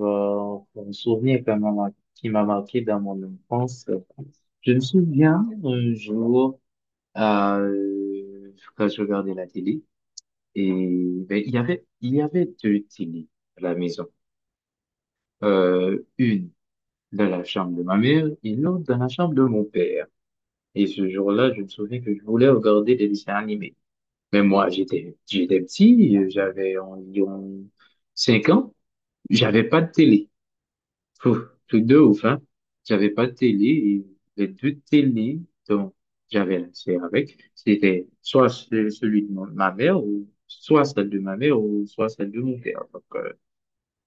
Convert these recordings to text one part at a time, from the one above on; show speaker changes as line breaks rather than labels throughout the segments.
Un souvenir qui m'a marqué dans mon enfance. Je me souviens un jour, quand je regardais la télé. Et ben, il y avait deux télés à la maison. Une dans la chambre de ma mère et l'autre dans la chambre de mon père. Et ce jour-là, je me souviens que je voulais regarder des dessins animés. Mais moi, j'étais petit, j'avais environ 5 ans, j'avais pas de télé. Pouf, truc de ouf, hein. J'avais pas de télé et les deux télés dont j'avais accès avec, c'était soit ce- celui de mon- ma mère ou soit celle de ma mère ou soit celle de mon père. Donc,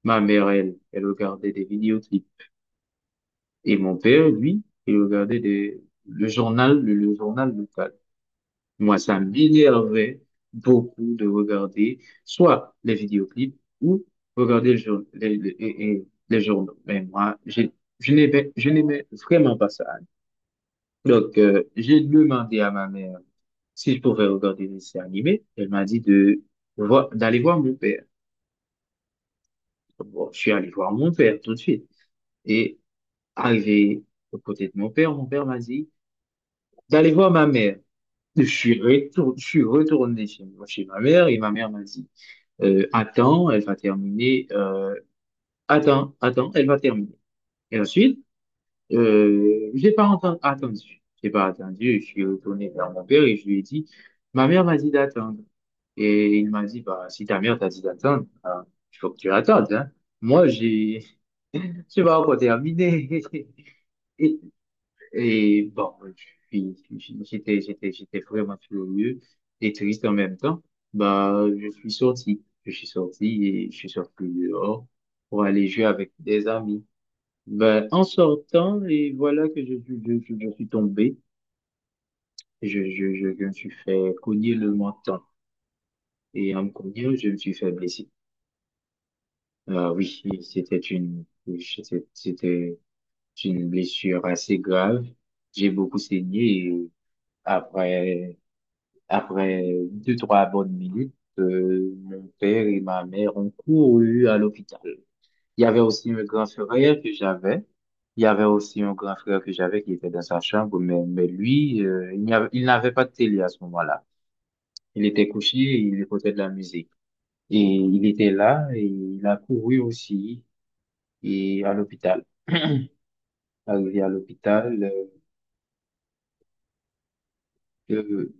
ma mère, elle regardait des vidéoclips et mon père, lui, il regardait des, le journal local. Moi, ça m'énervait beaucoup de regarder soit les vidéoclips ou regarder le jour- les- et les journaux. Mais moi, je n'aimais vraiment pas ça. Donc, j'ai demandé à ma mère si je pouvais regarder des dessins animés. Elle m'a dit d'aller voir mon père. Bon, je suis allé voir mon père tout de suite. Et arrivé aux côtés de mon père m'a dit d'aller voir ma mère. Je suis retourné chez ma mère et ma mère m'a dit, attends, elle va terminer, attends, elle va terminer. Et ensuite, j'ai pas attendu, je suis retourné vers mon père et je lui ai dit, ma mère m'a dit d'attendre. Et il m'a dit, bah, si ta mère t'a dit d'attendre, bah, il faut que tu attendes, hein. Moi, j'ai, je vais encore terminer. Et bon, je suis- j'étais, j'étais, j'étais vraiment furieux et triste en même temps. Bah, je suis sorti. Je suis sorti et je suis sorti dehors pour aller jouer avec des amis. Ben, en sortant, et voilà que je suis tombé. Je me suis fait cogner le menton. Et en me cognant, je me suis fait blesser. Ah oui, oui, c'était une blessure assez grave. J'ai beaucoup saigné et après, Après deux, trois bonnes minutes, mon père et ma mère ont couru à l'hôpital. Il y avait aussi un grand frère que j'avais. Il y avait aussi un grand frère que j'avais qui était dans sa chambre, mais lui, il n'avait pas de télé à ce moment-là. Il était couché, il écoutait de la musique. Et il était là et il a couru aussi et à l'hôpital. Arrivé à l'hôpital, euh,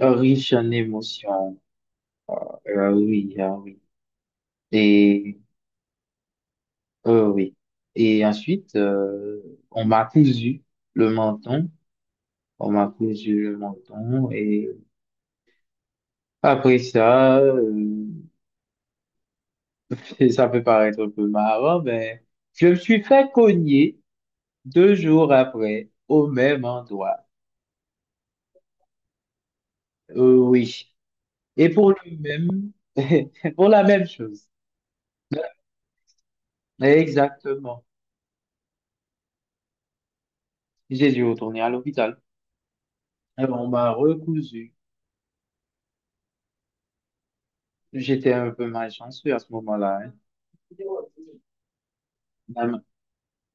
riche en émotions. Ah, ah oui, ah oui. Et oui. Et ensuite, on m'a cousu le menton. On m'a cousu le menton. Et après ça, ça peut paraître un peu marrant, mais je me suis fait cogner 2 jours après au même endroit. Oui. Et pour le même, pour la même chose. Exactement. J'ai dû retourner à l'hôpital. Et on m'a recousu. J'étais un peu malchanceux à ce moment-là. Hein.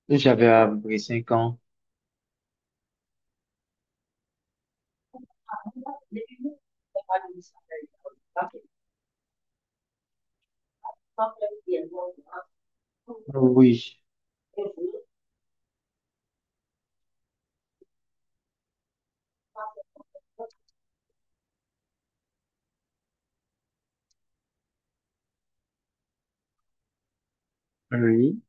J'avais à peu près 5 ans. Oui, oui,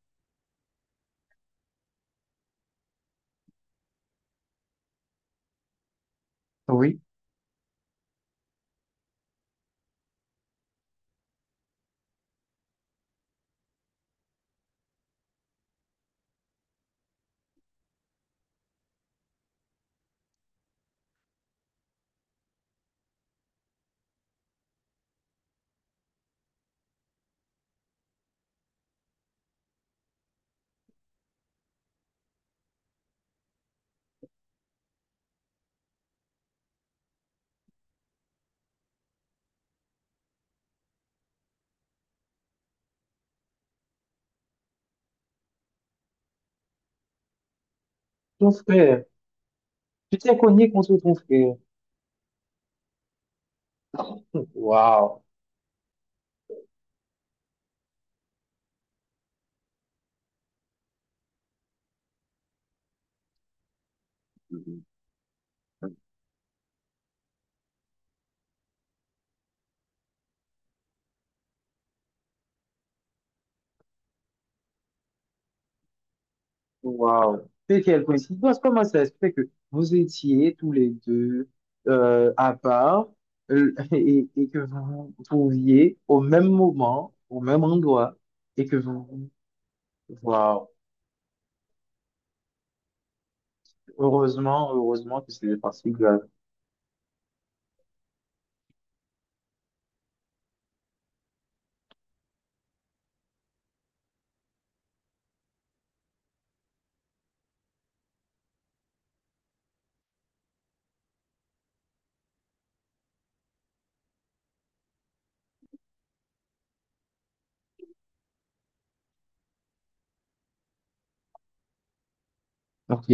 oui. Ton frère, tu t'es cogné contre ton frère. Waouh, waouh. C'est quelle coïncidence. Comment ça se fait que vous étiez tous les deux à part et que vous vous trouviez au même moment, au même endroit et que vous... Waouh. Heureusement, heureusement que c'est des parties graves. Ok,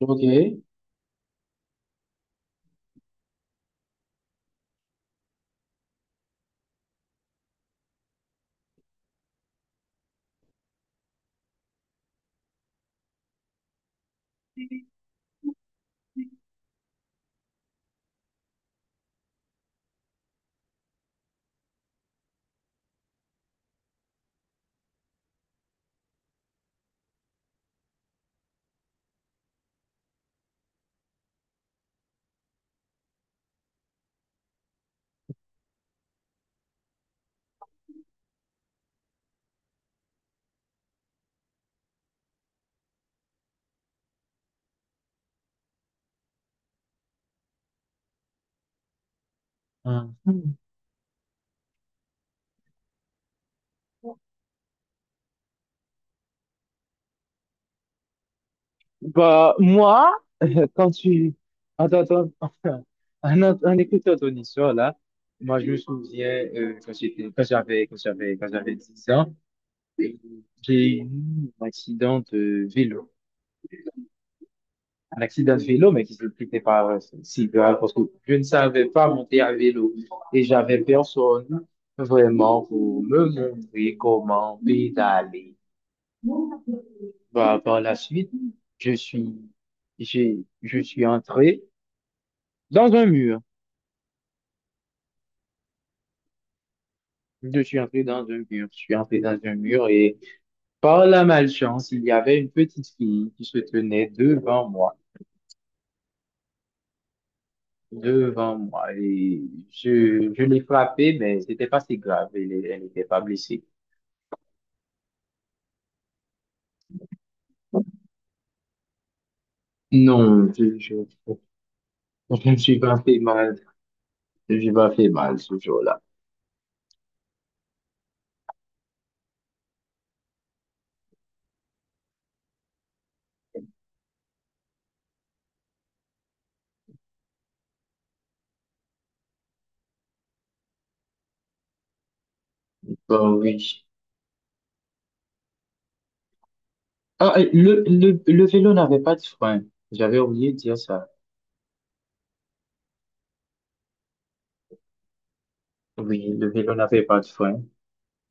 ok. Hum. Bah, moi, quand tu... Attends, attends. Un écouteur ton histoire, là, moi, je me souviens quand j'avais 10 ans, euh, j'ai eu un accident de vélo. Un accident de vélo, mais qui se s'expliquait pas si grave parce que je ne savais pas monter à vélo et j'avais personne vraiment pour me montrer comment pédaler. Bah, par la suite, je suis, je suis entré dans un mur. Je suis entré dans un mur. Je suis entré dans un mur et par la malchance, il y avait une petite fille qui se tenait devant moi. Devant moi, et je l'ai frappée, mais c'était pas si grave, elle n'était pas blessée. Non, je ne suis pas fait mal. Je ne suis pas fait mal ce jour-là. Bon, oui. Ah, et le vélo n'avait pas de frein. J'avais oublié de dire ça. Oui, le vélo n'avait pas de frein.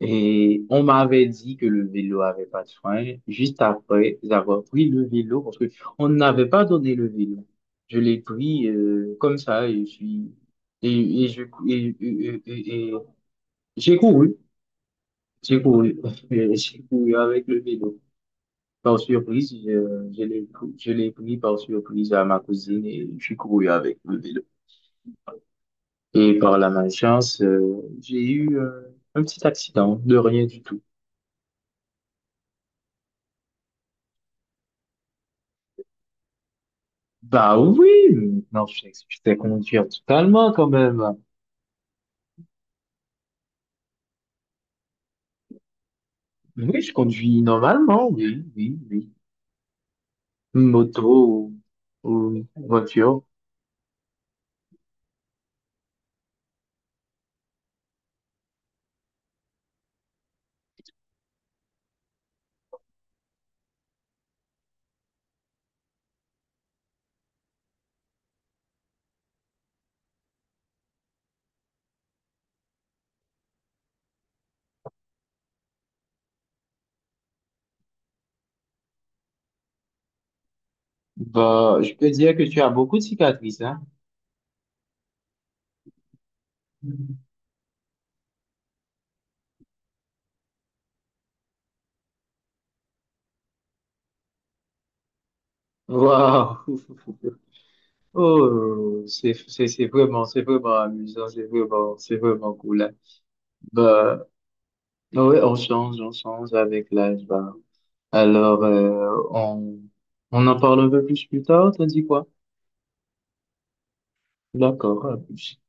Et on m'avait dit que le vélo avait pas de frein juste après avoir pris le vélo parce que on n'avait pas donné le vélo. Je l'ai pris comme ça et je suis et je et, j'ai couru, j'ai couru, j'ai couru avec le vélo. Par surprise, je l'ai pris par surprise à ma cousine et j'ai couru avec le vélo. Et par la malchance, j'ai eu un petit accident, de rien du tout. Bah oui, mais non, je sais conduire totalement quand même. Oui, je conduis normalement, oui, oui, oui. Moto ou voiture. Bah, je peux dire que tu as beaucoup de cicatrices, hein? Waouh! Oh, c'est vraiment c'est vraiment amusant, c'est vraiment cool, hein. Bah, ouais, on change avec l'âge, bah. Alors, on en parle un peu plus tard, t'as dit quoi? D'accord, à plus.